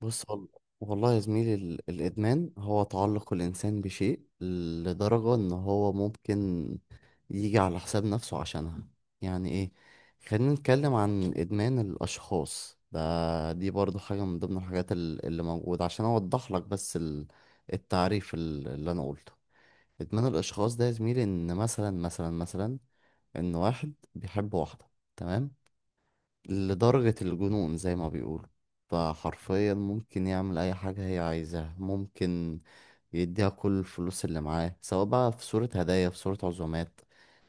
بص والله يا زميلي، الإدمان هو تعلق الإنسان بشيء لدرجة إن هو ممكن يجي على حساب نفسه عشانها. يعني إيه؟ خلينا نتكلم عن إدمان الأشخاص ده، دي برضو حاجة من ضمن الحاجات اللي موجودة، عشان أوضح لك بس التعريف اللي أنا قلته. إدمان الأشخاص ده يا زميلي، إن مثلا إن واحد بيحب واحدة، تمام، لدرجة الجنون زي ما بيقولوا. فحرفيا ممكن يعمل أي حاجة هي عايزاها، ممكن يديها كل الفلوس اللي معاه سواء بقى في صورة هدايا، في صورة عزومات،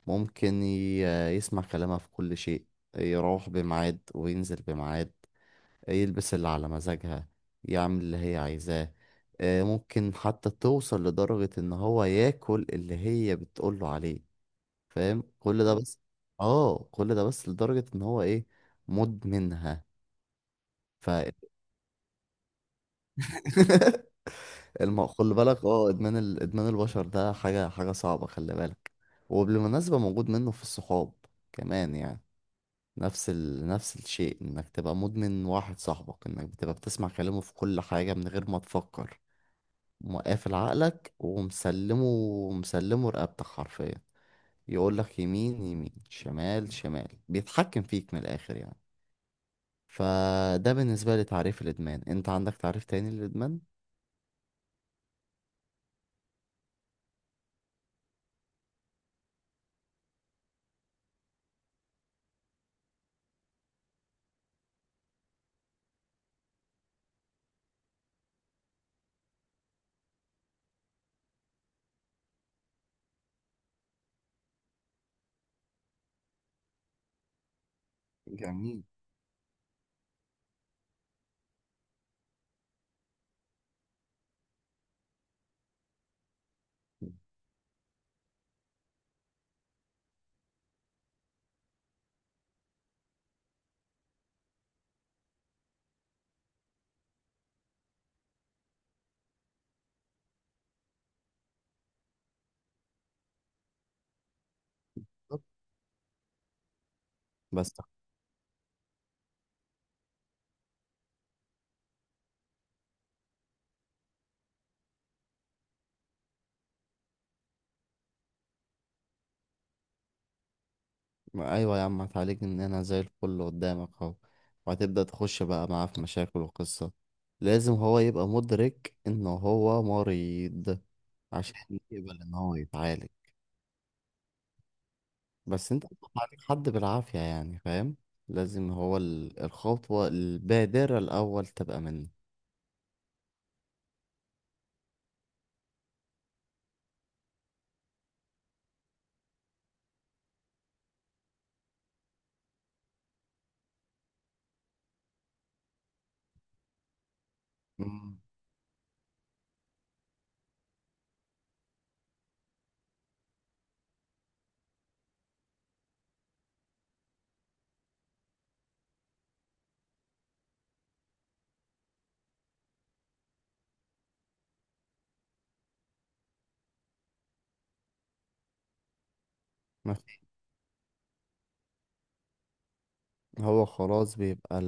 ممكن يسمع كلامها في كل شيء، يروح بميعاد وينزل بميعاد، يلبس اللي على مزاجها، يعمل اللي هي عايزاه. ممكن حتى توصل لدرجة إن هو ياكل اللي هي بتقوله عليه، فاهم؟ كل ده بس. اه كل ده بس لدرجة إن هو إيه؟ مدمنها. ف خلي بالك. اه ادمان البشر ده، حاجه صعبه، خلي بالك. وبالمناسبه موجود منه في الصحاب كمان يعني. نفس الشيء، انك تبقى مدمن واحد صاحبك، انك بتبقى بتسمع كلامه في كل حاجه من غير ما تفكر، مقافل عقلك ومسلمه، مسلمه رقبتك حرفيا. يقول لك يمين يمين، شمال شمال، بيتحكم فيك من الاخر يعني. فده بالنسبه لي تعريف الادمان. انت عندك تعريف تاني للادمان؟ جميل. طب. بس. ما، ايوه يا عم هتعالجني؟ ان انا زي الفل قدامك اهو. وهتبدأ تخش بقى معاه في مشاكل وقصة. لازم هو يبقى مدرك ان هو مريض عشان يقبل ان هو يتعالج. بس انت بتعالج حد بالعافية يعني، فاهم. لازم هو الخطوة البادرة الاول تبقى منه. مم. ما في- هو خلاص بيبقى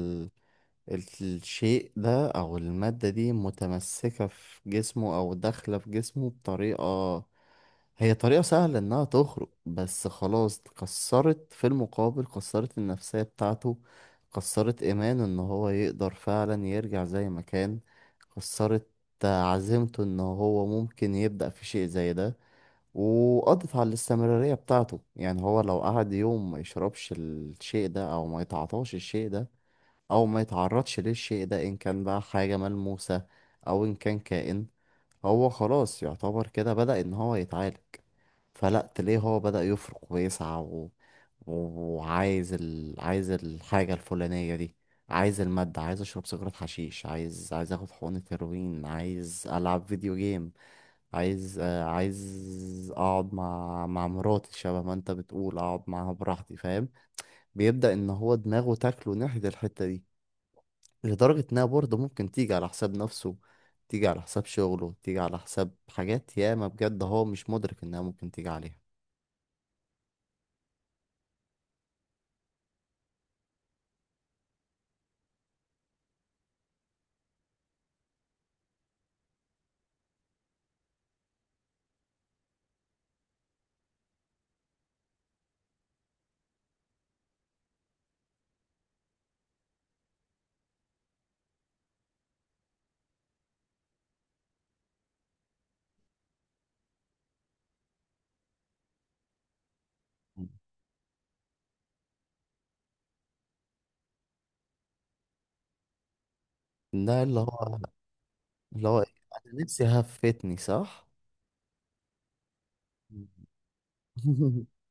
الشيء ده أو المادة دي متمسكة في جسمه أو داخلة في جسمه بطريقة، هي طريقة سهلة إنها تخرج. بس خلاص كسرت. في المقابل كسرت النفسية بتاعته، كسرت إيمانه إن هو يقدر فعلا يرجع زي ما كان، كسرت عزيمته إن هو ممكن يبدأ في شيء زي ده، وقضت على الاستمرارية بتاعته. يعني هو لو قعد يوم ما يشربش الشيء ده أو ما يتعاطاش الشيء ده او ما يتعرضش للشيء ده، ان كان بقى حاجة ملموسة او ان كان كائن، هو خلاص يعتبر كده بدأ ان هو يتعالج. فلا تلاقيه هو بدأ يفرق ويسعى وعايز عايز الحاجة الفلانية دي، عايز المادة، عايز اشرب سيجارة حشيش، عايز اخد حقنة هيروين، عايز العب فيديو جيم، عايز اقعد مع مراتي، شبه ما انت بتقول اقعد معاها براحتي، فاهم. بيبدأ ان هو دماغه تاكله ناحية الحتة دي لدرجة إنها برضه ممكن تيجي على حساب نفسه، تيجي على حساب شغله، تيجي على حساب حاجات ياما بجد هو مش مدرك إنها ممكن تيجي عليها. ده اللي هو إيه؟ أنا نفسي هفتني، صح؟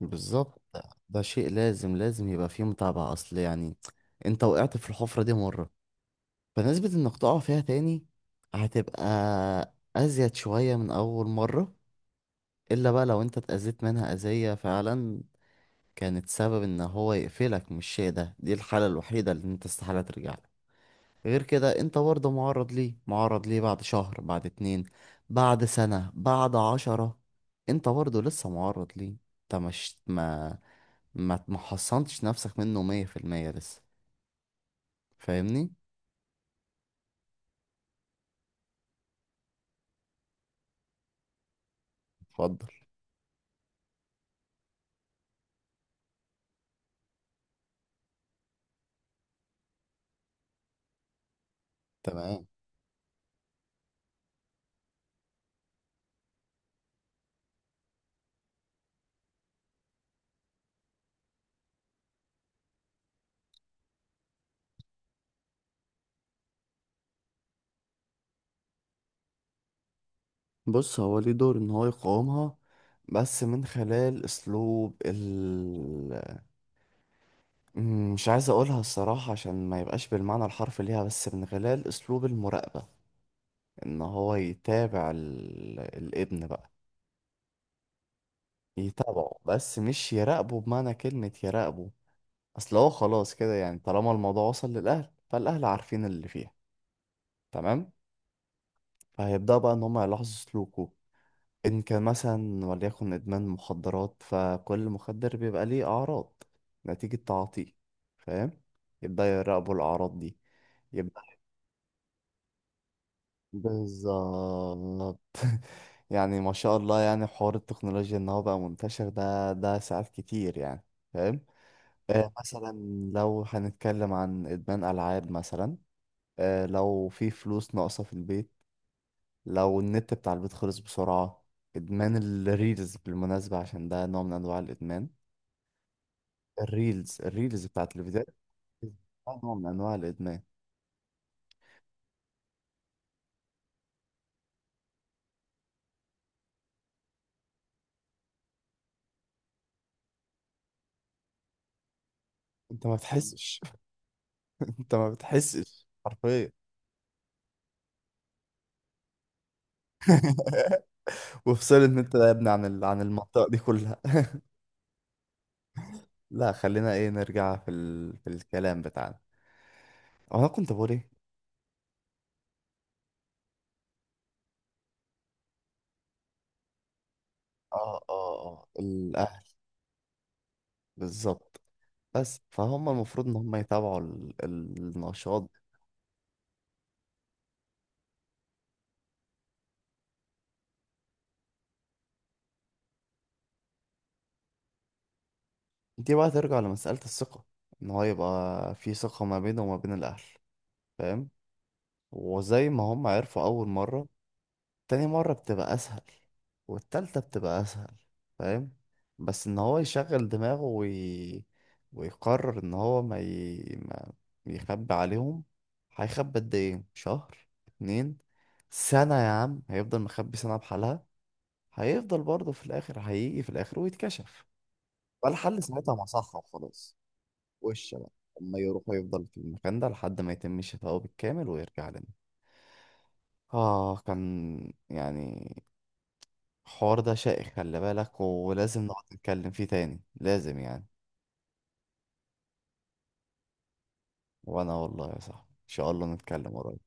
بالظبط. ده، ده شيء لازم لازم يبقى فيه متابعة. أصل يعني أنت وقعت في الحفرة دي مرة، فنسبة إنك تقع فيها تاني هتبقى أزيد شوية من أول مرة، إلا بقى لو أنت اتأذيت منها أذية فعلا كانت سبب ان هو يقفلك من الشيء ده. دي الحالة الوحيدة اللي انت استحالة ترجع له. غير كده انت برضه معرض ليه، معرض ليه بعد شهر، بعد اتنين، بعد سنة، بعد 10. انت برضه لسه معرض ليه. انت مش ما حصنتش نفسك منه 100% لسه، فاهمني؟ اتفضل. تمام. بص، هو ليه دور ان هو يقاومها بس من خلال اسلوب مش عايز اقولها الصراحة عشان ما يبقاش بالمعنى الحرفي ليها، بس من خلال اسلوب المراقبة. ان هو يتابع الابن بقى، يتابعه بس مش يراقبه بمعنى كلمة يراقبه. اصل هو خلاص كده يعني، طالما الموضوع وصل للاهل فالاهل عارفين اللي فيها، تمام. فهيبدأ بقى ان هم يلاحظوا سلوكه، ان كان مثلا وليكن ادمان مخدرات، فكل مخدر بيبقى ليه اعراض نتيجة تعاطيه، فاهم. يبدأ يراقبوا الاعراض دي. بالظبط. يعني ما شاء الله يعني حوار التكنولوجيا ان هو بقى منتشر ده ساعات كتير يعني، فاهم. مثلا، لو هنتكلم عن ادمان العاب مثلا، لو في فلوس ناقصه في البيت، لو النت بتاع البيت خلص بسرعه. ادمان الريلز بالمناسبه، عشان ده نوع من انواع الادمان. الريلز بتاعت الفيديوهات، ده نوع من انواع الادمان. انت ما بتحسش. انت ما بتحسش حرفيا. وفصلت من انت يا ابني عن عن المنطقة دي كلها. لا، خلينا ايه، نرجع في في الكلام بتاعنا. انا كنت بقول ايه؟ اه الاهل. بالظبط. بس فهم المفروض ان هم يتابعوا النشاط. دي بقى ترجع لمسألة الثقة، ان هو يبقى في ثقة ما بينه وما بين الاهل، فاهم. وزي ما هم عرفوا اول مرة، تاني مرة بتبقى أسهل، والتالتة بتبقى أسهل، فاهم. بس إن هو يشغل دماغه ويقرر إن هو ما يخبي عليهم. هيخبي قد إيه، شهر، اتنين، سنة؟ يا عم هيفضل مخبي سنة بحالها، هيفضل برضه في الآخر، هيجي في الآخر ويتكشف. والحل ساعتها مصحة وخلاص. وش بقى، أما يروح ويفضل في المكان ده لحد ما يتم شفائه بالكامل ويرجع لنا. كان يعني الحوار ده شائك، خلي بالك، ولازم نقعد نتكلم فيه تاني، لازم يعني. وانا والله يا صاحبي ان شاء الله نتكلم قريب.